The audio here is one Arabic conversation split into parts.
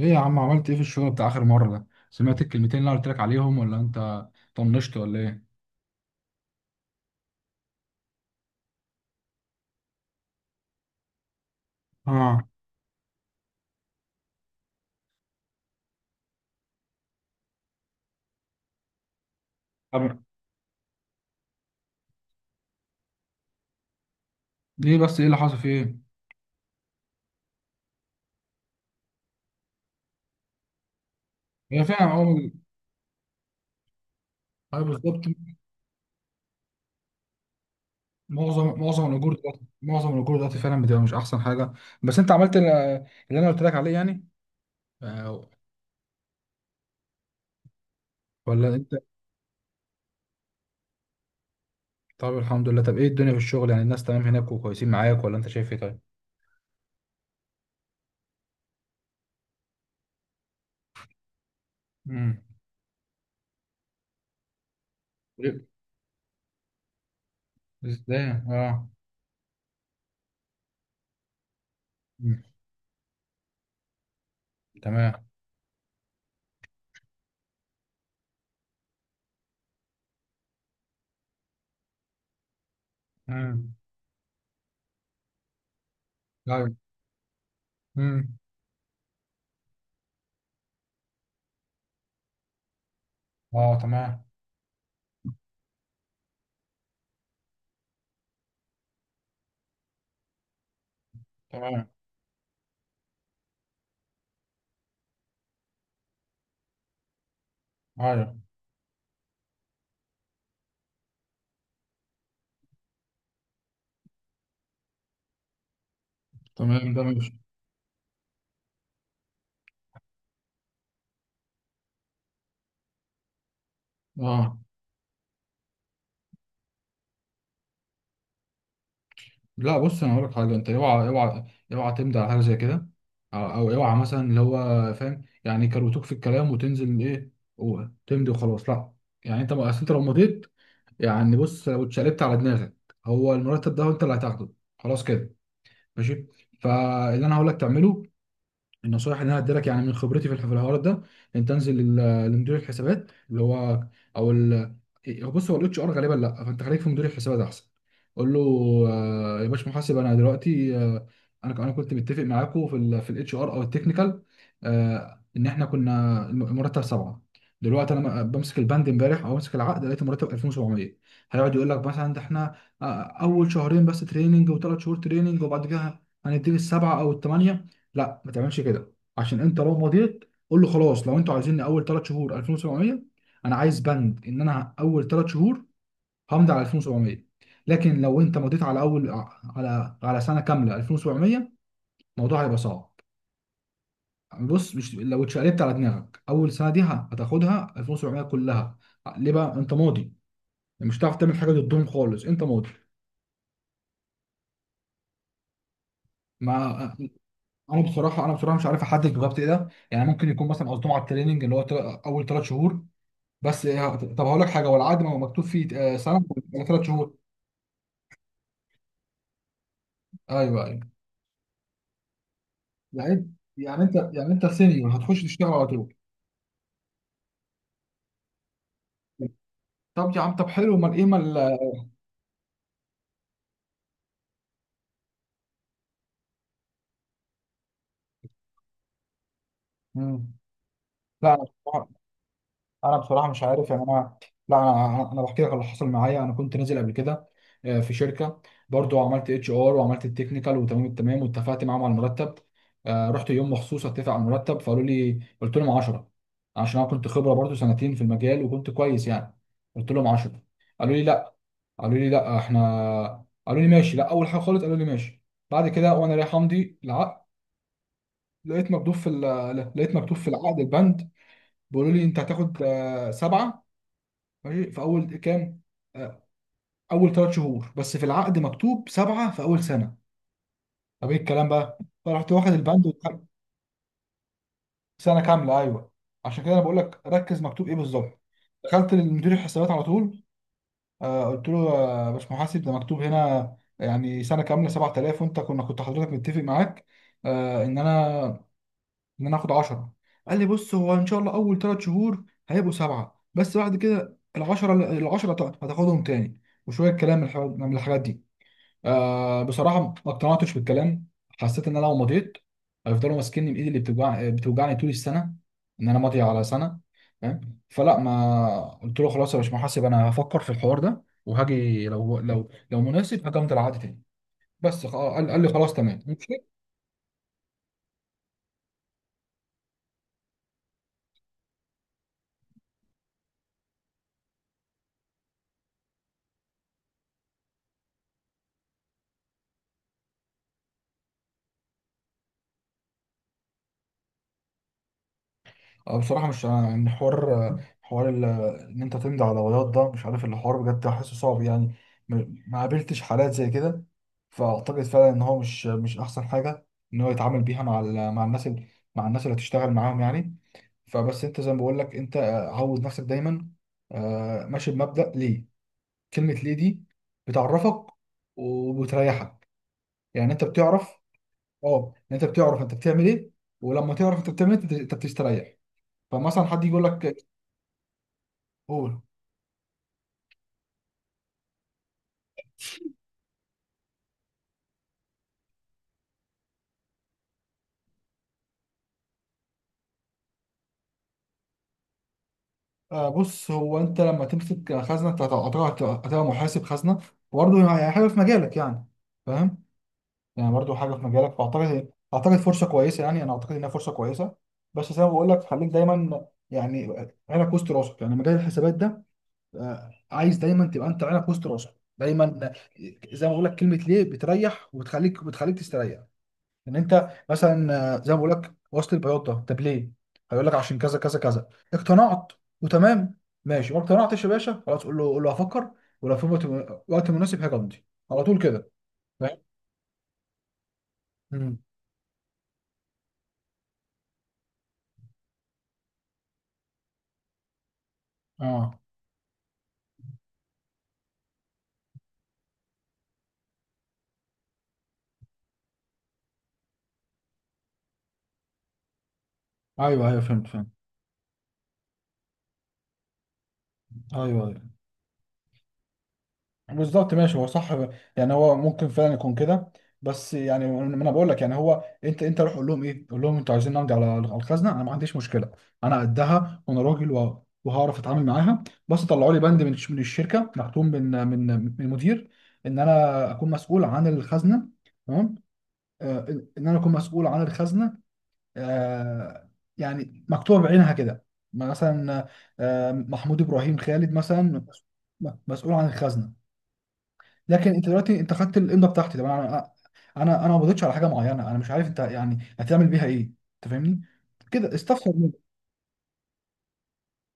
ايه يا عم، عملت ايه في الشغل بتاع اخر مرة ده؟ سمعت الكلمتين اللي انا قلت لك عليهم، ولا انت طنشت ولا ايه؟ اه. طب ليه بس؟ ايه اللي حصل فيه؟ هي فعلا اول. ايوه بالظبط. معظم الاجور دلوقتي فعلا بتبقى مش احسن حاجة. بس انت عملت اللي انا قلت لك عليه يعني، آه، ولا انت؟ طب الحمد لله. طب ايه الدنيا في الشغل؟ يعني الناس تمام هناك وكويسين معاك، ولا انت شايف ايه؟ طيب. امم. إيه؟ ازاي؟ اه. مم. تمام. امم. ايوه. مم. اه، تمام. تمام. ايوه. تمام، ده ماشي. اه. لا، بص، انا هقول لك حاجه. انت اوعى اوعى، اوعى تمضي على حاجه زي كده، او اوعى مثلا اللي هو، فاهم، يعني كروتوك في الكلام وتنزل ايه وتمضي وخلاص. لا. يعني انت، اصل انت لو مضيت، يعني بص، لو اتشقلبت على دماغك، هو المرتب ده انت اللي هتاخده، خلاص كده، ماشي. فاللي انا هقول لك تعمله، النصائح اللي انا هدي لك يعني من خبرتي في الحوار ده، ان تنزل لمدير الحسابات اللي هو، او ال، هو بص، هو الاتش ار غالبا. لا، فانت خليك في مدير الحسابات احسن. قول له: يا باش محاسب، انا دلوقتي، انا كنت متفق معاكم في الاتش ار او التكنيكال، ان احنا كنا المرتب سبعه. دلوقتي انا بمسك البند امبارح او بمسك العقد، لقيت المرتب 2700. هيقعد يقول لك مثلا: ده احنا اول شهرين بس تريننج، وثلاث شهور تريننج، وبعد كده هنديك السبعه او الثمانيه. لا ما تعملش كده، عشان انت لو مضيت. قول له: خلاص، لو انتوا عايزيني اول ثلاث شهور 2700، انا عايز بند ان انا اول ثلاث شهور همضي على 2700، لكن لو انت مضيت على اول، على سنه كامله 2700، الموضوع هيبقى صعب. بص، مش لو اتشقلبت على دماغك، اول سنه دي هتاخدها 2700 كلها. ليه؟ بقى انت ماضي، مش هتعرف تعمل حاجه ضدهم خالص، انت ماضي. ما، انا بصراحه مش عارف احدد بالظبط ايه ده، يعني ممكن يكون مثلا قصدهم على التريننج اللي هو، اول ثلاث شهور بس إيه، طب هقول لك حاجه، هو العقد ما هو مكتوب فيه سنه ولا ثلاث شهور؟ ايوه، ايوه. يعني انت، يعني انت سينيور هتخش تشتغل على طول. طب يا عم، طب حلو، امال ايه امال؟ مم. لا، انا بصراحه مش عارف يعني انا. لا، انا بحكي لك اللي حصل معايا. انا كنت نازل قبل كده في شركه، برضو عملت اتش ار وعملت التكنيكال وتمام التمام، واتفقت معاهم على المرتب. رحت يوم مخصوص اتفق على المرتب، فقالوا لي، قلت لهم 10. عشان انا كنت خبره برضو سنتين في المجال وكنت كويس يعني، قلت لهم 10. قالوا لي قالوا لي لا احنا، قالوا لي ماشي. لا، اول حاجه خالص قالوا لي ماشي. بعد كده وانا رايح امضي العقد، لقيت مكتوب في العقد البند، بيقولوا لي انت هتاخد سبعه، ماشي، في اول كام، آه، اول ثلاث شهور، بس في العقد مكتوب سبعه في اول سنه. طب ايه الكلام بقى؟ فرحت واخد البند واتحرك. سنه كامله، ايوه. عشان كده انا بقول لك ركز مكتوب ايه بالظبط. دخلت للمدير الحسابات على طول، قلت له: يا باش محاسب، ده مكتوب هنا يعني سنه كامله 7000، وانت كنت حضرتك متفق معاك آه، ان انا ان انا اخد 10. قال لي: بص، هو ان شاء الله اول ثلاث شهور هيبقوا سبعه، بس بعد كده ال 10، ال 10 هتاخدهم تاني، وشويه كلام من الحاجات دي. آه، بصراحه ما اقتنعتش بالكلام، حسيت ان انا لو مضيت هيفضلوا ماسكيني بايدي اللي بتوجعني طول السنه، ان انا ماضي على سنه، فاهم؟ فلا، ما قلت له: خلاص يا باشمهندس، انا هفكر في الحوار ده، وهاجي لو مناسب، هاجي امضي العقد تاني. بس قال لي خلاص تمام. أه، بصراحة مش يعني حوار، حوار إن أنت تمضي على بياض ده مش عارف، الحوار بجد حاسه صعب يعني. ما قابلتش حالات زي كده. فأعتقد فعلا إن هو مش أحسن حاجة إن هو يتعامل بيها مع الناس، مع الناس اللي هتشتغل معاهم يعني. فبس أنت زي ما بقول لك، أنت عود نفسك دايما ماشي بمبدأ ليه. كلمة ليه دي بتعرفك وبتريحك، يعني أنت بتعرف. أه يعني أنت بتعرف أنت بتعمل إيه، ولما تعرف أنت بتعمل إيه أنت بتستريح. فمثلا حد يقول لك، قول. آه، بص، هو انت لما تمسك خزنه انت هتبقى محاسب خزنه، وبرضه يعني حاجه في مجالك يعني، فاهم؟ يعني برضه حاجه في مجالك، فاعتقد فرصه كويسه يعني، انا اعتقد انها فرصه كويسه. بس زي ما بقول لك، خليك دايما يعني عينك وسط راسك، يعني مجال الحسابات ده، عايز دايما تبقى انت عينك وسط راسك دايما، زي ما بقول لك كلمه ليه بتريح، وبتخليك بتخليك تستريح. ان انت مثلا زي ما بقول لك وصل البياضه، طب ليه؟ هيقول لك عشان كذا كذا كذا. اقتنعت وتمام، ماشي. ما اقتنعتش يا باشا؟ خلاص، قول له هفكر، ولو في وقت، وقت مناسب، هاجي امضي على طول كده. فاهم؟ مم. اه. ايوه، ايوه، فهمت، فهمت. ايوه، أيوة. بالظبط، ماشي، هو صح، يعني هو ممكن فعلا يكون كده. بس يعني ما انا بقول لك يعني هو، انت روح قول لهم ايه، قول لهم انتوا عايزين نمضي على الخزنه، انا ما عنديش مشكله، انا قدها وانا راجل، وهعرف اتعامل معاها، بس طلعوا لي بند من الشركه مختوم من المدير ان انا اكون مسؤول عن الخزنه، تمام. آه، ان انا اكون مسؤول عن الخزنه آه، يعني مكتوب بعينها كده، مثلا محمود ابراهيم خالد مثلا، مسؤول عن الخزنه. لكن انت دلوقتي، انت خدت الامضه بتاعتي، طب انا ما قبضتش على حاجه معينه، انا مش عارف انت يعني هتعمل بيها ايه، انت فاهمني، كده استفسر منه.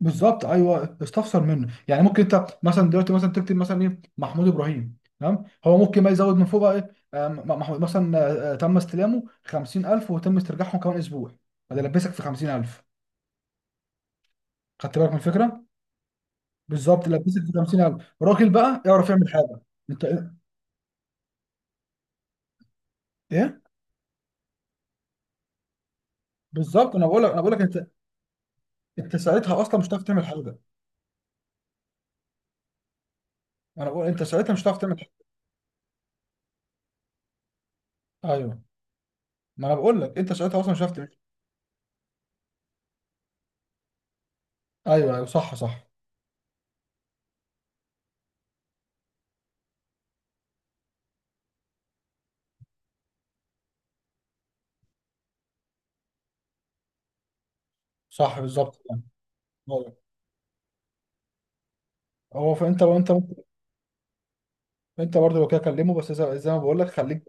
بالظبط ايوه، استفسر منه. يعني ممكن انت مثلا دلوقتي مثلا تكتب مثلا ايه محمود ابراهيم، تمام، هو ممكن بقى يزود من فوق بقى ايه، محمود مثلا، تم استلامه 50000 وتم استرجاعهم كمان اسبوع. فده لبسك في 50000. خدت بالك من الفكره؟ بالظبط، لبسك في 50000، راجل بقى يعرف يعمل حاجه. انت، ايه، بالظبط، انا بقول لك انت، انت ساعتها اصلا مش هتعرف تعمل حاجه. ما انا بقول، انت ساعتها مش هتعرف تعمل حاجة. ايوه، ما انا بقول لك انت ساعتها اصلا مش هتعرف تعمل. ايوه، ايوه، صح، صح، صح، بالظبط يعني. أيوة. هو، وانت ممكن. انت برضه لو كده كلمه، بس زي ما بقول لك خليك،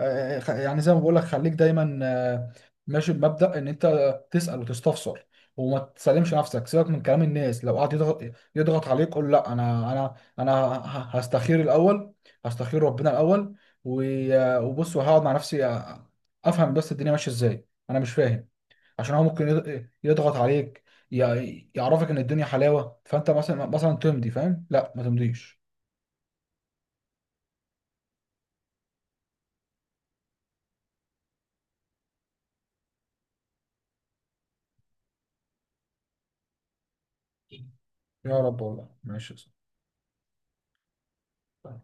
يعني زي ما بقول لك خليك دايما ماشي بمبدأ ان انت تسأل وتستفسر، وما تسلمش نفسك، سيبك من كلام الناس. لو قعد يضغط عليك قول: لا، انا هستخير الاول، هستخير ربنا الاول، و- وبص، وهقعد مع نفسي، افهم بس الدنيا ماشيه ازاي، انا مش فاهم. عشان هو ممكن يضغط عليك، يعرفك ان الدنيا حلاوه، فانت مثلا تمضي، فاهم؟ لا، ما تمضيش. يا رب، والله ماشي يا صاحبي.